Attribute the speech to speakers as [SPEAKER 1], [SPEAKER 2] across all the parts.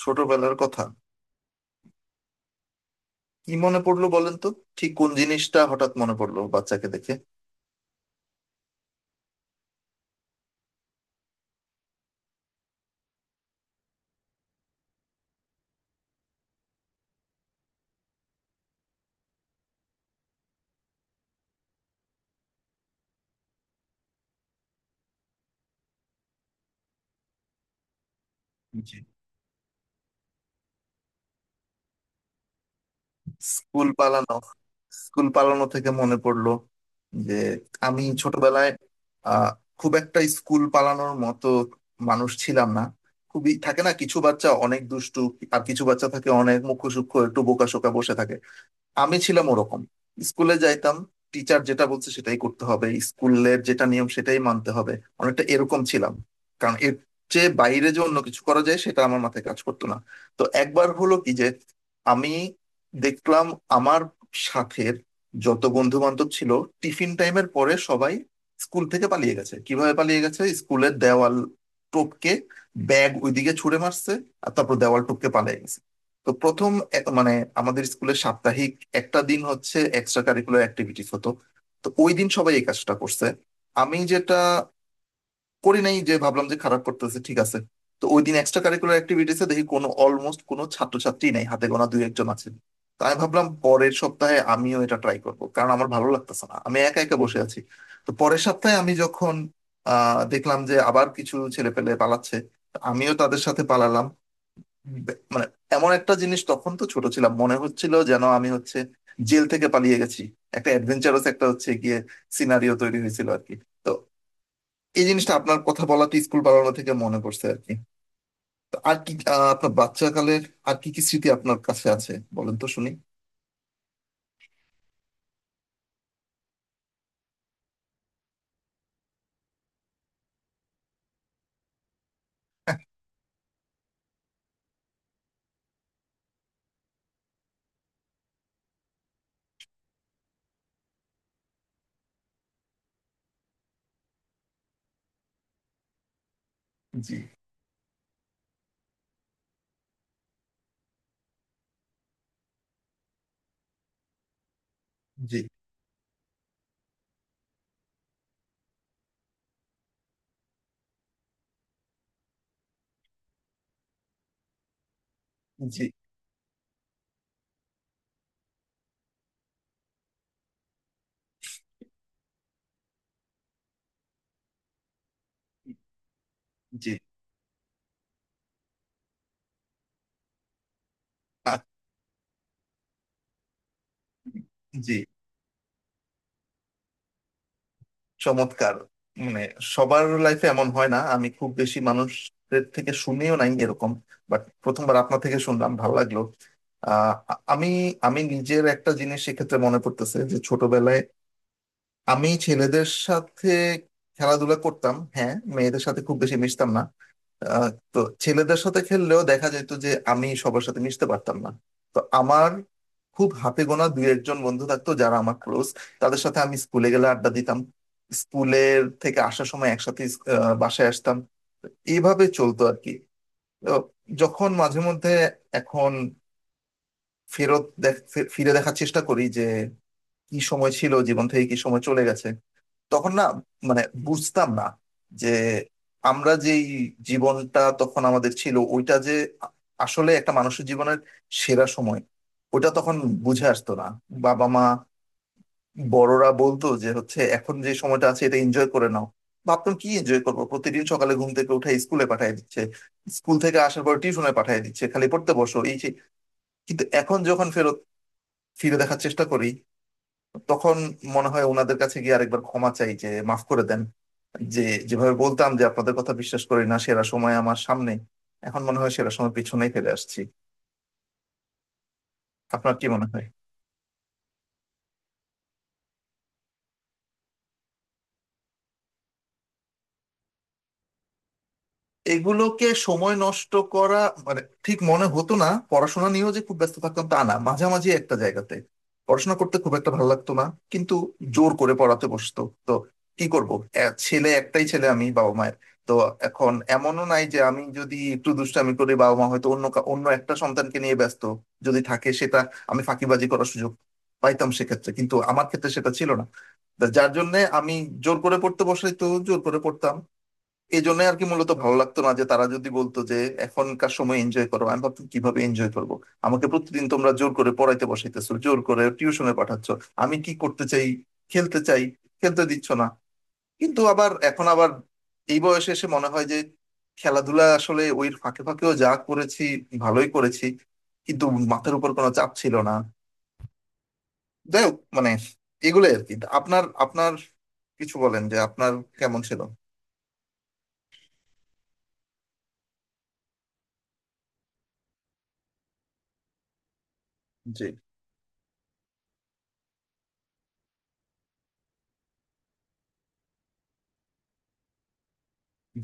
[SPEAKER 1] ছোটবেলার কথা কি মনে পড়লো বলেন তো? ঠিক কোন জিনিসটা হঠাৎ মনে পড়লো বাচ্চাকে দেখে? জি। স্কুল পালানো। স্কুল পালানো থেকে মনে পড়লো যে, আমি ছোটবেলায় আহ খুব একটা স্কুল পালানোর মতো মানুষ ছিলাম না। খুবই থাকে না, কিছু বাচ্চা অনেক দুষ্টু, আর কিছু বাচ্চা থাকে অনেক মুখশুক্ষ, একটু বোকাশোকা বসে থাকে। আমি ছিলাম ওরকম। স্কুলে যাইতাম, টিচার যেটা বলছে সেটাই করতে হবে, স্কুলের যেটা নিয়ম সেটাই মানতে হবে, অনেকটা এরকম ছিলাম। কারণ এর চেয়ে বাইরে যে অন্য কিছু করা যায় সেটা আমার মাথায় কাজ করতো না। তো একবার হলো কি যে, আমি দেখলাম আমার সাথের যত বন্ধু বান্ধব ছিল টিফিন টাইমের পরে সবাই স্কুল থেকে পালিয়ে গেছে। কিভাবে পালিয়ে গেছে? স্কুলের দেওয়াল টপকে, ব্যাগ ওইদিকে ছুঁড়ে মারছে আর তারপর দেওয়াল টপকে পালিয়ে গেছে। তো প্রথম মানে আমাদের স্কুলে সাপ্তাহিক একটা দিন হচ্ছে এক্সট্রা কারিকুলার অ্যাক্টিভিটিস হতো। তো ওই দিন সবাই এই কাজটা করছে, আমি যেটা করি নাই, যে ভাবলাম যে খারাপ করতেছে, ঠিক আছে। তো ওই দিন এক্সট্রা কারিকুলার অ্যাক্টিভিটিসে দেখি কোনো, অলমোস্ট কোনো ছাত্রছাত্রী নাই, হাতে গোনা দুই একজন আছে। তো আমি ভাবলাম পরের সপ্তাহে আমিও এটা ট্রাই করব, কারণ আমার ভালো লাগতেছে না, আমি একা একা বসে আছি। তো পরের সপ্তাহে আমি যখন দেখলাম যে আবার কিছু ছেলেপেলে পালাচ্ছে, আমিও তাদের সাথে পালালাম। মানে এমন একটা জিনিস, তখন তো ছোট ছিলাম, মনে হচ্ছিল যেন আমি হচ্ছে জেল থেকে পালিয়ে গেছি, একটা অ্যাডভেঞ্চারাস একটা হচ্ছে গিয়ে সিনারিও তৈরি হয়েছিল আর কি। তো এই জিনিসটা আপনার কথা বলাতে স্কুল পালানো থেকে মনে পড়ছে আর কি। তো আর কি, আপনার বাচ্চাকালের আর কি কি স্মৃতি আপনার কাছে আছে বলেন তো শুনি। জি। জি। জি। জি। আ- জি। চমৎকার। মানে সবার লাইফে এমন হয় না, আমি খুব বেশি মানুষদের থেকে শুনেও নাই এরকম, বাট প্রথমবার আপনার থেকে শুনলাম, ভালো লাগলো। আহ, আ- আমি আমি নিজের একটা জিনিস এক্ষেত্রে মনে পড়তেছে, যে ছোটবেলায় আমি ছেলেদের সাথে খেলাধুলা করতাম, হ্যাঁ মেয়েদের সাথে খুব বেশি মিশতাম না। তো ছেলেদের সাথে খেললেও দেখা যেত যে আমি সবার সাথে মিশতে পারতাম না। তো আমার খুব হাতে গোনা দুই একজন বন্ধু থাকতো যারা আমার ক্লোজ, তাদের সাথে আমি স্কুলে গেলে আড্ডা দিতাম, স্কুলের থেকে আসার সময় একসাথে বাসায় আসতাম। এইভাবে চলতো আর কি। তো যখন মাঝে মধ্যে এখন ফেরত দেখ- ফিরে দেখার চেষ্টা করি যে কি সময় ছিল, জীবন থেকে কি সময় চলে গেছে। তখন না, মানে বুঝতাম না যে আমরা যেই জীবনটা তখন আমাদের ছিল ওইটা যে, আ- আসলে একটা মানুষের জীবনের সেরা সময়, ওটা তখন বুঝে আসতো না। বাবা মা, বড়রা বলতো যে হচ্ছে এখন যে সময়টা আছে এটা এনজয় করে নাও। ভাবতাম কি এনজয় করবো? প্রতিদিন সকালে ঘুম থেকে উঠে স্কুলে পাঠিয়ে দিচ্ছে, স্কুল থেকে আসার পর টিউশনে পাঠিয়ে দিচ্ছে, খালি পড়তে বসো এই সেই। কিন্তু এখন যখন ফেরত ফিরে দেখার চেষ্টা করি তখন মনে হয় ওনাদের কাছে গিয়ে আরেকবার ক্ষমা চাই, যে মাফ করে দেন যে, যেভাবে বলতাম যে আপনাদের কথা বিশ্বাস করি না, সেরা সময় আমার সামনে, এখন মনে হয় সেরা সময় পিছনেই ফেলে আসছি। আপনার কি মনে হয়? এগুলোকে সময় নষ্ট করা? মানে ঠিক মনে হতো না, পড়াশোনা নিয়েও যে খুব ব্যস্ত থাকতাম তা না, মাঝামাঝি একটা জায়গাতে। পড়াশোনা করতে খুব একটা ভালো লাগতো না কিন্তু জোর করে পড়াতে বসতো তো কি করব। ছেলে একটাই, ছেলে আমি বাবা মায়ের। তো এখন এমনও নাই যে আমি যদি একটু দুষ্টামি করি বাবা মা হয়তো অন্য অন্য একটা সন্তানকে নিয়ে ব্যস্ত, যদি থাকে সেটা। আমি ফাঁকিবাজি করার সুযোগ পাইতাম সেক্ষেত্রে, কিন্তু আমার ক্ষেত্রে সেটা ছিল না। তা যার জন্য আমি জোর করে পড়তে বসাই তো জোর করে পড়তাম। এই জন্য আর কি মূলত ভালো লাগতো না, যে তারা যদি বলতো যে এখনকার সময় এনজয় করো, আমি ভাবতাম কিভাবে এনজয় করব? আমাকে প্রতিদিন তোমরা জোর করে পড়াইতে বসাইতেছো, জোর করে টিউশনে পাঠাচ্ছ। আমি কি করতে চাই? খেলতে চাই, খেলতে দিচ্ছ না। কিন্তু আবার এখন আবার এই বয়সে এসে মনে হয় যে, খেলাধুলা আসলে ওই ফাঁকে ফাঁকেও যা করেছি ভালোই করেছি, কিন্তু মাথার উপর কোনো চাপ ছিল না। যাই হোক মানে এগুলোই আর কি। আপনার আপনার কিছু বলেন যে আপনার কেমন ছিল। জি।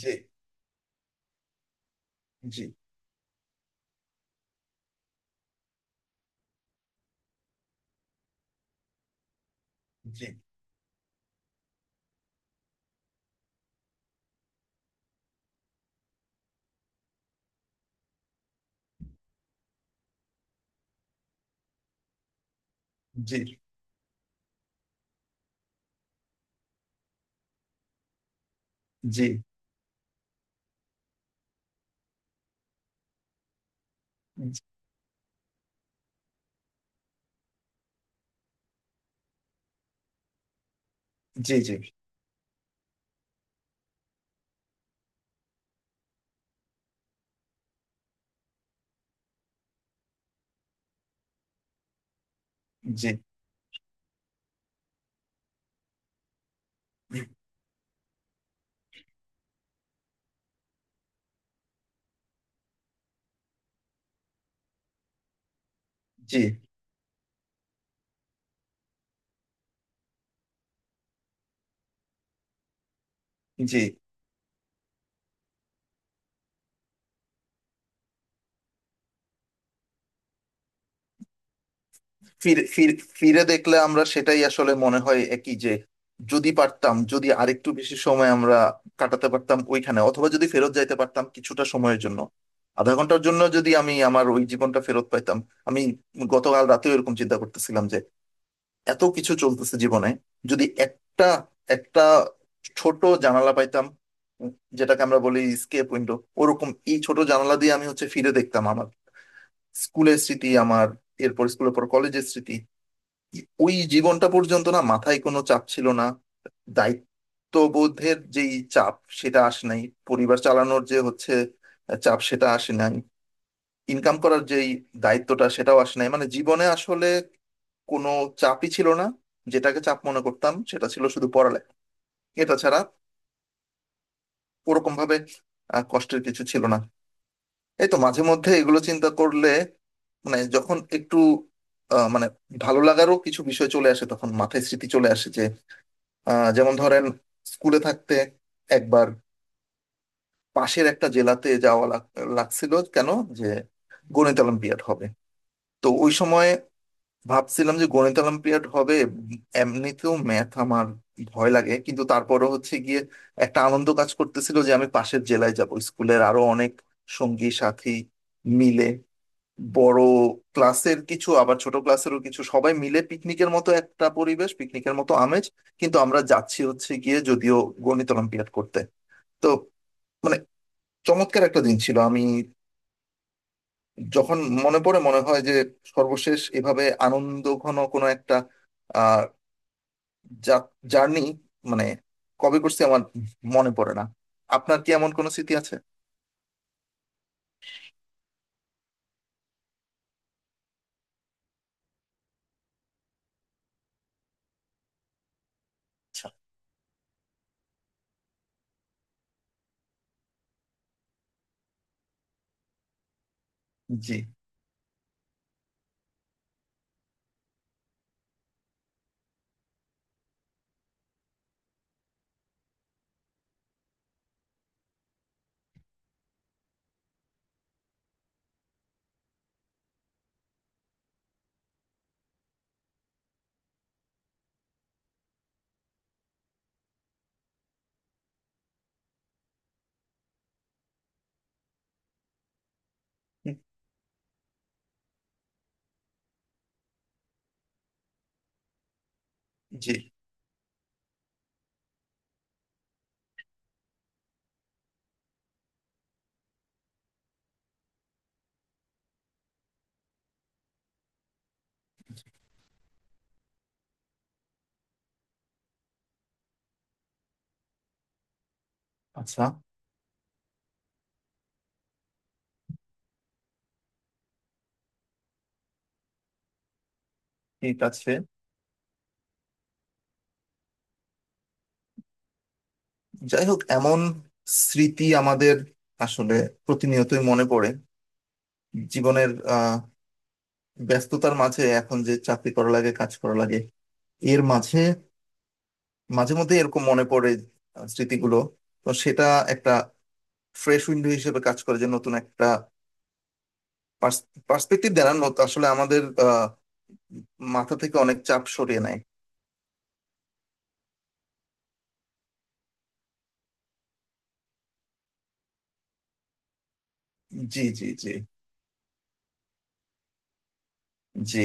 [SPEAKER 1] জি। জি। জি। জি। জি। জি। জি। জি। জি। জি। ফিরে ফিরে ফিরে দেখলে আমরা সেটাই আসলে মনে হয় একই, যে যদি পারতাম, যদি আরেকটু বেশি সময় আমরা কাটাতে পারতাম ওইখানে, অথবা যদি ফেরত যাইতে পারতাম কিছুটা সময়ের জন্য। আধা ঘন্টার জন্য যদি আমি আমার ওই জীবনটা ফেরত পাইতাম। আমি গতকাল রাতেও এরকম চিন্তা করতেছিলাম যে এত কিছু চলতেছে জীবনে, যদি একটা একটা ছোট জানালা পাইতাম, উম, যেটাকে আমরা বলি স্কেপ উইন্ডো। ওরকম এই ছোট জানালা দিয়ে আমি হচ্ছে ফিরে দেখতাম আমার স্কুলের স্মৃতি, আমার এরপর স্কুলের পর কলেজের স্মৃতি। ওই জীবনটা পর্যন্ত না মাথায় কোনো চাপ ছিল না। দায়িত্ববোধের যেই চাপ সেটা আসে নাই, পরিবার চালানোর যে হচ্ছে চাপ সেটা আসে নাই, ইনকাম করার যেই দায়িত্বটা সেটাও আসে নাই। মানে জীবনে আসলে কোনো চাপই ছিল না। যেটাকে চাপ মনে করতাম সেটা ছিল শুধু পড়ালেখা। এটা ছাড়া ওরকম ভাবে কষ্টের কিছু ছিল না। এই তো মাঝে মধ্যে এগুলো চিন্তা করলে, মানে যখন একটু মানে ভালো লাগারও কিছু বিষয় চলে আসে, তখন মাথায় স্মৃতি চলে আসে যে, যেমন ধরেন স্কুলে থাকতে একবার পাশের একটা জেলাতে যাওয়া লাগছিল। কেন? যে গণিত অলিম্পিয়াড হবে। তো ওই সময় ভাবছিলাম যে গণিত অলিম্পিয়াড হবে, এমনিতেও ম্যাথ আমার ভয় লাগে, কিন্তু তারপরও হচ্ছে গিয়ে একটা আনন্দ কাজ করতেছিল যে আমি পাশের জেলায় যাব, স্কুলের আরো অনেক সঙ্গী সাথী মিলে, বড় ক্লাসের কিছু আবার ছোট ক্লাসেরও কিছু, সবাই মিলে পিকনিকের মতো একটা পরিবেশ, পিকনিকের মতো আমেজ, কিন্তু আমরা যাচ্ছি হচ্ছে গিয়ে যদিও গণিত অলিম্পিয়াড করতে। তো মানে চমৎকার একটা দিন ছিল। আমি যখন মনে পড়ে মনে হয় যে সর্বশেষ এভাবে আনন্দঘন কোনো একটা জার্নি মানে কবে করছি আমার মনে পড়ে না। আপনার কি এমন কোনো স্মৃতি আছে? আচ্ছা। জি। হুম। জি। আচ্ছা। ঠিক আছে। যাই হোক এমন স্মৃতি আমাদের আসলে প্রতিনিয়তই মনে পড়ে জীবনের ব্যস্ততার মাঝে। এখন যে চাকরি করা লাগে কাজ করা লাগে, এর মাঝে মাঝে মধ্যে এরকম মনে পড়ে স্মৃতিগুলো। তো সেটা একটা ফ্রেশ উইন্ডো হিসেবে কাজ করে, যে নতুন একটা পার্সপেক্টিভ দেন আসলে, আমাদের মাথা থেকে অনেক চাপ সরিয়ে নেয়। জি। জি। জি। জি।